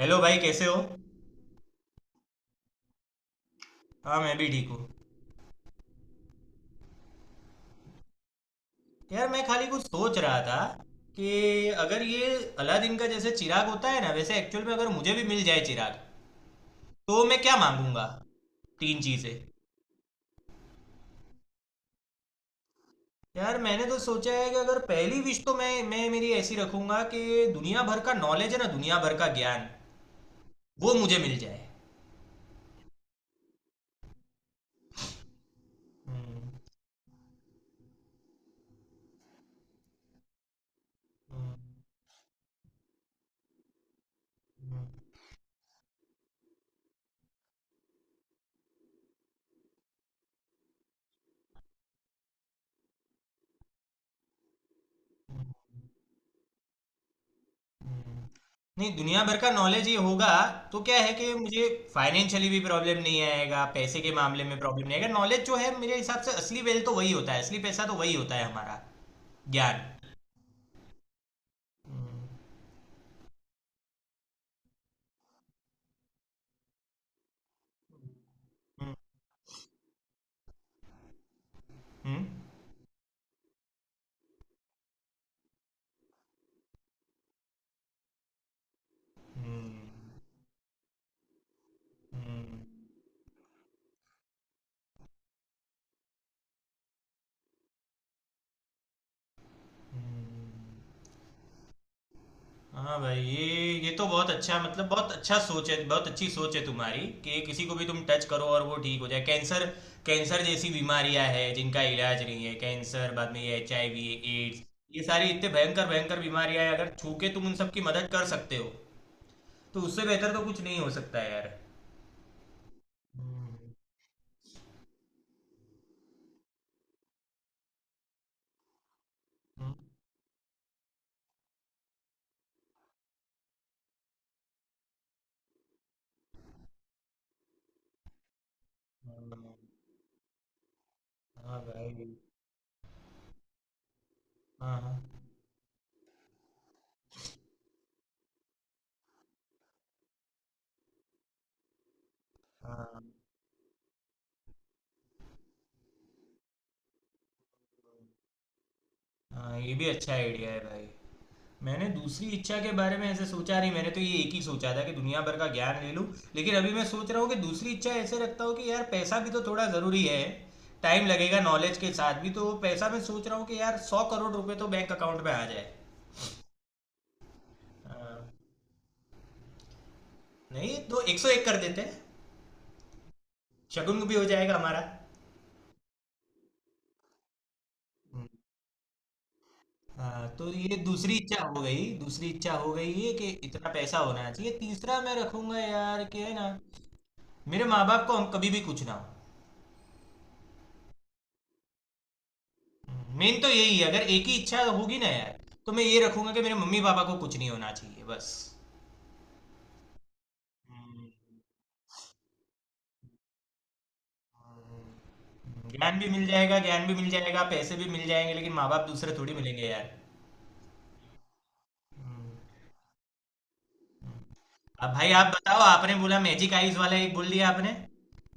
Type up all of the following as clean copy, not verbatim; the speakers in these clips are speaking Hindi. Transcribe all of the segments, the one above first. हेलो भाई, कैसे हो? हाँ, मैं भी ठीक हूँ। यार, मैं खाली कुछ सोच रहा था कि अगर ये अलादीन का जैसे चिराग होता है ना, वैसे एक्चुअल में अगर मुझे भी मिल जाए चिराग तो मैं क्या मांगूंगा। तीन चीज़ें। यार, मैंने तो सोचा है कि अगर पहली विश तो मैं मेरी ऐसी रखूंगा कि दुनिया भर का नॉलेज है ना, दुनिया भर का ज्ञान वो मुझे मिल जाए। हम्म। हम्म। हम्म। हुँ। नहीं, दुनिया भर का नॉलेज ये होगा तो क्या है कि मुझे फाइनेंशियली भी प्रॉब्लम नहीं आएगा, पैसे के मामले में प्रॉब्लम नहीं आएगा। नॉलेज जो है मेरे हिसाब से असली वेल्थ तो वही होता है, असली पैसा तो वही होता है हमारा, ज्ञान। हुँ, हुँ, हुँ, हुँ, हुँ, हुँ। हाँ भाई, ये तो बहुत अच्छा, मतलब बहुत अच्छा सोच है, बहुत अच्छी सोच है तुम्हारी कि किसी को भी तुम टच करो और वो ठीक हो जाए। कैंसर, कैंसर जैसी बीमारियां हैं जिनका इलाज नहीं है, कैंसर, बाद में ये HIV, एड्स, ये सारी इतने भयंकर भयंकर बीमारियां हैं। अगर छू के तुम उन सब की मदद कर सकते हो तो उससे बेहतर तो कुछ नहीं हो सकता है यार। हम्म। हम्म। हाँ, हाँ, हाँ भाई। हाँ, हाँ, हाँ, हाँ, ये भी अच्छा आइडिया है भाई। मैंने दूसरी इच्छा के बारे में ऐसे सोचा नहीं, मैंने तो ये एक ही सोचा था कि दुनिया भर का ज्ञान ले लूँ। लेकिन अभी मैं सोच रहा हूँ कि दूसरी इच्छा ऐसे रखता हूँ कि यार, पैसा भी तो थोड़ा ज़रूरी है। टाइम लगेगा नॉलेज के साथ भी, तो पैसा, मैं सोच रहा हूँ कि यार 100 करोड़ रुपए तो बैंक अकाउंट में आ जाए। हाँ, नहीं तो 101 कर देते हैं, शगुन भी हो जाएगा हमारा। हाँ, तो ये दूसरी इच्छा हो गई, दूसरी इच्छा हो गई ये कि इतना पैसा होना चाहिए। तीसरा मैं रखूंगा यार, कि है ना, मेरे माँ बाप को हम कभी भी कुछ ना हो। मेन तो यही है, अगर एक ही इच्छा होगी ना यार, तो मैं ये रखूंगा कि मेरे मम्मी पापा को कुछ नहीं होना चाहिए बस। हम्म। ज्ञान भी मिल जाएगा, ज्ञान भी मिल जाएगा, पैसे भी मिल जाएंगे, लेकिन माँ बाप दूसरे थोड़ी मिलेंगे यार। हम्म। अब भाई आप बताओ, आपने बोला मैजिक आईज वाला, एक बोल दिया आपने।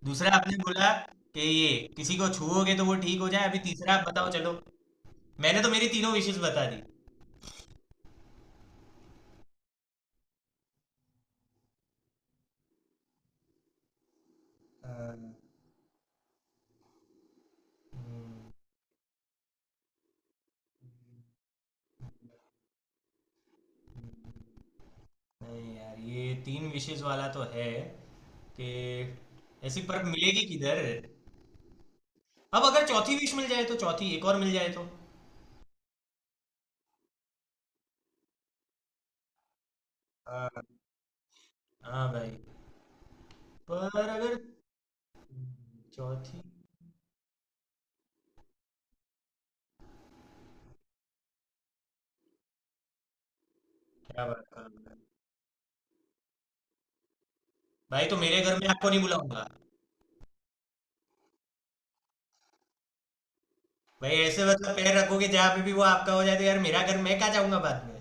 दूसरा आपने बोला कि ये किसी को छुओगे तो वो ठीक हो जाए। अभी तीसरा आप बताओ चलो। मैंने तो मेरी तीनों विशेष बता दी। हाँ। हम्म। नहीं यार, ये तीन विशेष वाला तो है कि ऐसी पर मिलेगी किधर। अब अगर चौथी विश मिल जाए तो, चौथी एक और मिल जाए तो। हाँ, हाँ भाई। पर अगर चौथी, क्या बात कर रहा है? भाई तो मेरे घर में आपको नहीं बुलाऊंगा। भाई, ऐसे मतलब पैर रखोगे जहाँ पे भी वो आपका हो जाए, तो यार मेरा घर, मैं कहाँ जाऊंगा बाद में।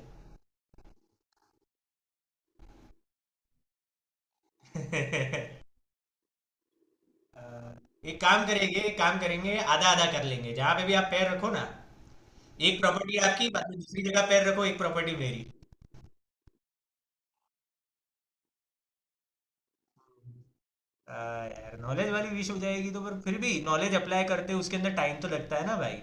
अ, एक काम करेंगे, एक काम करेंगे, आधा आधा कर लेंगे, जहाँ पे भी आप पैर रखो ना, एक प्रॉपर्टी आपकी, बाद में दूसरी जगह पैर रखो, एक प्रॉपर्टी मेरी। हाँ यार, नॉलेज वाली विश हो जाएगी तो, पर फिर भी नॉलेज अप्लाई करते हैं, उसके अंदर टाइम तो लगता है ना भाई।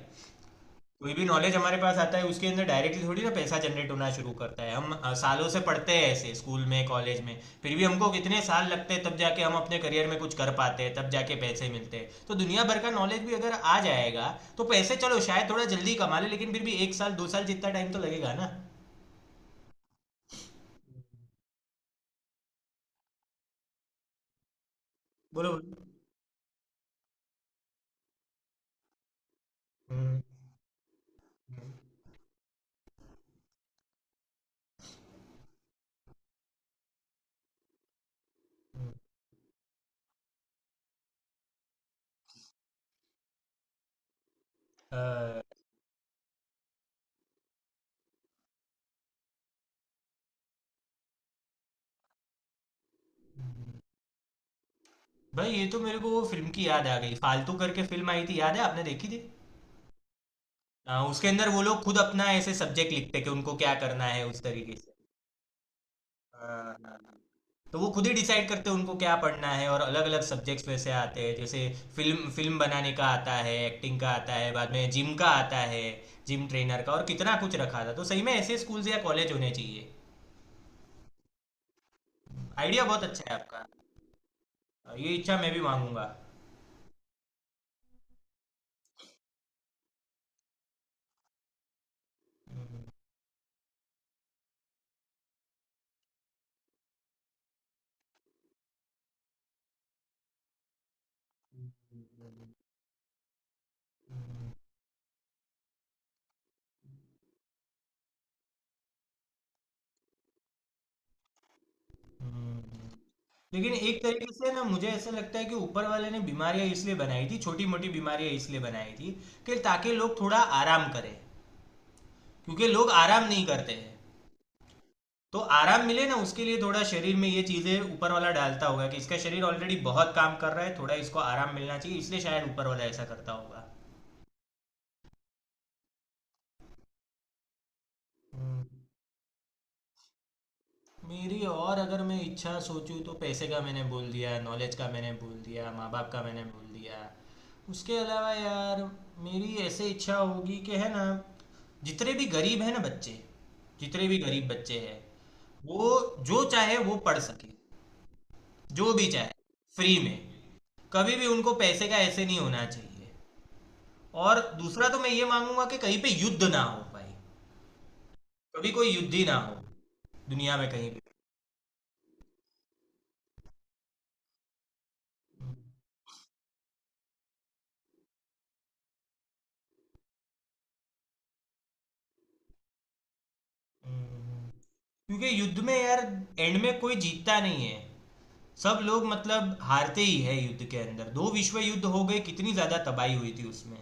कोई भी नॉलेज हमारे पास आता है, उसके अंदर डायरेक्टली थोड़ी ना पैसा जनरेट होना शुरू करता है। हम सालों से पढ़ते हैं ऐसे, स्कूल में, कॉलेज में, फिर भी हमको कितने साल लगते हैं तब जाके हम अपने करियर में कुछ कर पाते हैं, तब जाके पैसे मिलते हैं। तो दुनिया भर का नॉलेज भी अगर आ जाएगा तो पैसे चलो शायद थोड़ा जल्दी कमा ले, लेकिन फिर भी एक साल दो साल जितना टाइम तो लगेगा ना। बोलो बोलो। हम्म। हम्म। हम्म। आ, भाई, ये तो मेरे को वो फिल्म की याद आ गई, फालतू करके फिल्म आई थी याद है, आपने देखी थी? हाँ, उसके अंदर वो लोग खुद अपना ऐसे सब्जेक्ट लिखते कि उनको क्या करना है उस तरीके से। हाँ, हाँ, हाँ। तो वो खुद ही डिसाइड करते हैं उनको क्या पढ़ना है, और अलग अलग सब्जेक्ट्स वैसे आते हैं जैसे फिल्म फिल्म बनाने का आता है, एक्टिंग का आता है, बाद में जिम का आता है, जिम ट्रेनर का, और कितना कुछ रखा था। तो सही में ऐसे स्कूल्स या कॉलेज होने चाहिए। आइडिया बहुत अच्छा है आपका। ये इच्छा मैं भी मांगूंगा। हम्म। लेकिन एक तरीके से ना, मुझे ऐसा लगता है कि ऊपर वाले ने बीमारियां इसलिए बनाई थी, छोटी मोटी बीमारियां इसलिए बनाई थी कि ताकि लोग थोड़ा आराम करें, क्योंकि लोग आराम नहीं करते हैं। तो आराम मिले ना, उसके लिए थोड़ा शरीर में ये चीजें ऊपर वाला डालता होगा कि इसका शरीर ऑलरेडी बहुत काम कर रहा है, थोड़ा इसको आराम मिलना चाहिए, इसलिए शायद ऊपर वाला ऐसा करता होगा। मेरी और अगर मैं इच्छा सोचूँ तो पैसे का मैंने बोल दिया, नॉलेज का मैंने बोल दिया, माँ बाप का मैंने बोल दिया। उसके अलावा यार, मेरी ऐसे इच्छा होगी कि, है ना, जितने भी गरीब हैं ना बच्चे, जितने भी गरीब बच्चे हैं वो जो चाहे वो पढ़ सके, जो भी चाहे, फ्री में, कभी भी उनको पैसे का ऐसे नहीं होना चाहिए। और दूसरा तो मैं ये मांगूंगा कि कहीं पे युद्ध ना हो भाई, कभी कोई युद्ध ही ना हो दुनिया में कहीं पे। हम्म। क्योंकि युद्ध में यार, एंड में कोई जीतता नहीं है, सब लोग मतलब हारते ही है युद्ध के अंदर। दो विश्व युद्ध हो गए, कितनी ज्यादा तबाही हुई थी उसमें।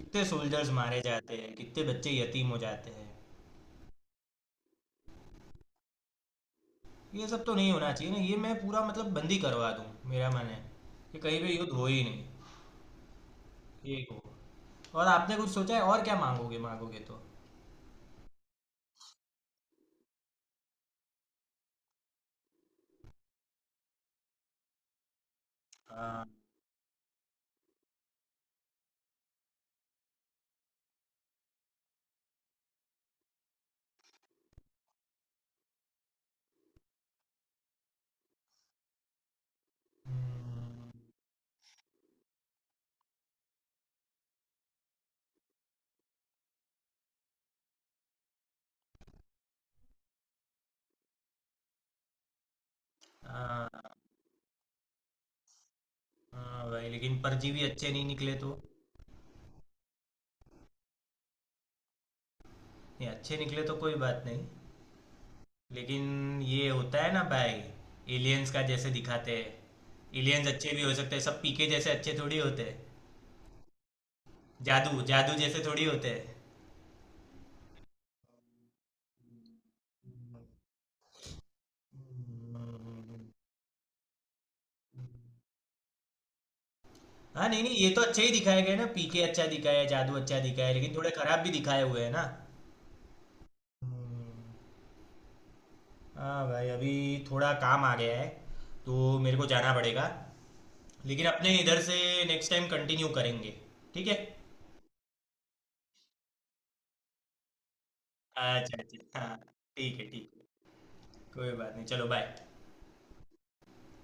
कितने सोल्जर्स मारे जाते हैं, कितने बच्चे यतीम हो जाते हैं। ये सब तो नहीं होना चाहिए ना, ये मैं पूरा मतलब बंदी करवा दूं, मेरा मन है कि कहीं पे युद्ध हो ही नहीं, ये हो। और आपने कुछ सोचा है, और क्या मांगोगे मांगोगे तो? हम्म। हाँ, हाँ भाई, लेकिन परजीवी अच्छे नहीं निकले तो? ये अच्छे निकले तो कोई बात नहीं। लेकिन ये होता है ना भाई, एलियंस का जैसे दिखाते हैं, एलियंस अच्छे भी हो सकते हैं, सब पीके जैसे अच्छे थोड़ी होते हैं, जादू जादू जैसे थोड़ी होते हैं। हाँ, नहीं नहीं, ये तो अच्छे ही दिखाए गए ना, पीके अच्छा दिखाया है, जादू अच्छा दिखाया है, लेकिन थोड़े खराब भी दिखाए हुए हैं ना। हाँ भाई, अभी थोड़ा काम आ गया है तो मेरे को जाना पड़ेगा, लेकिन अपने इधर से नेक्स्ट टाइम कंटिन्यू करेंगे, ठीक है। अच्छा, अच्छा हाँ। ठीक है, ठीक है। कोई बात नहीं, चलो बाय।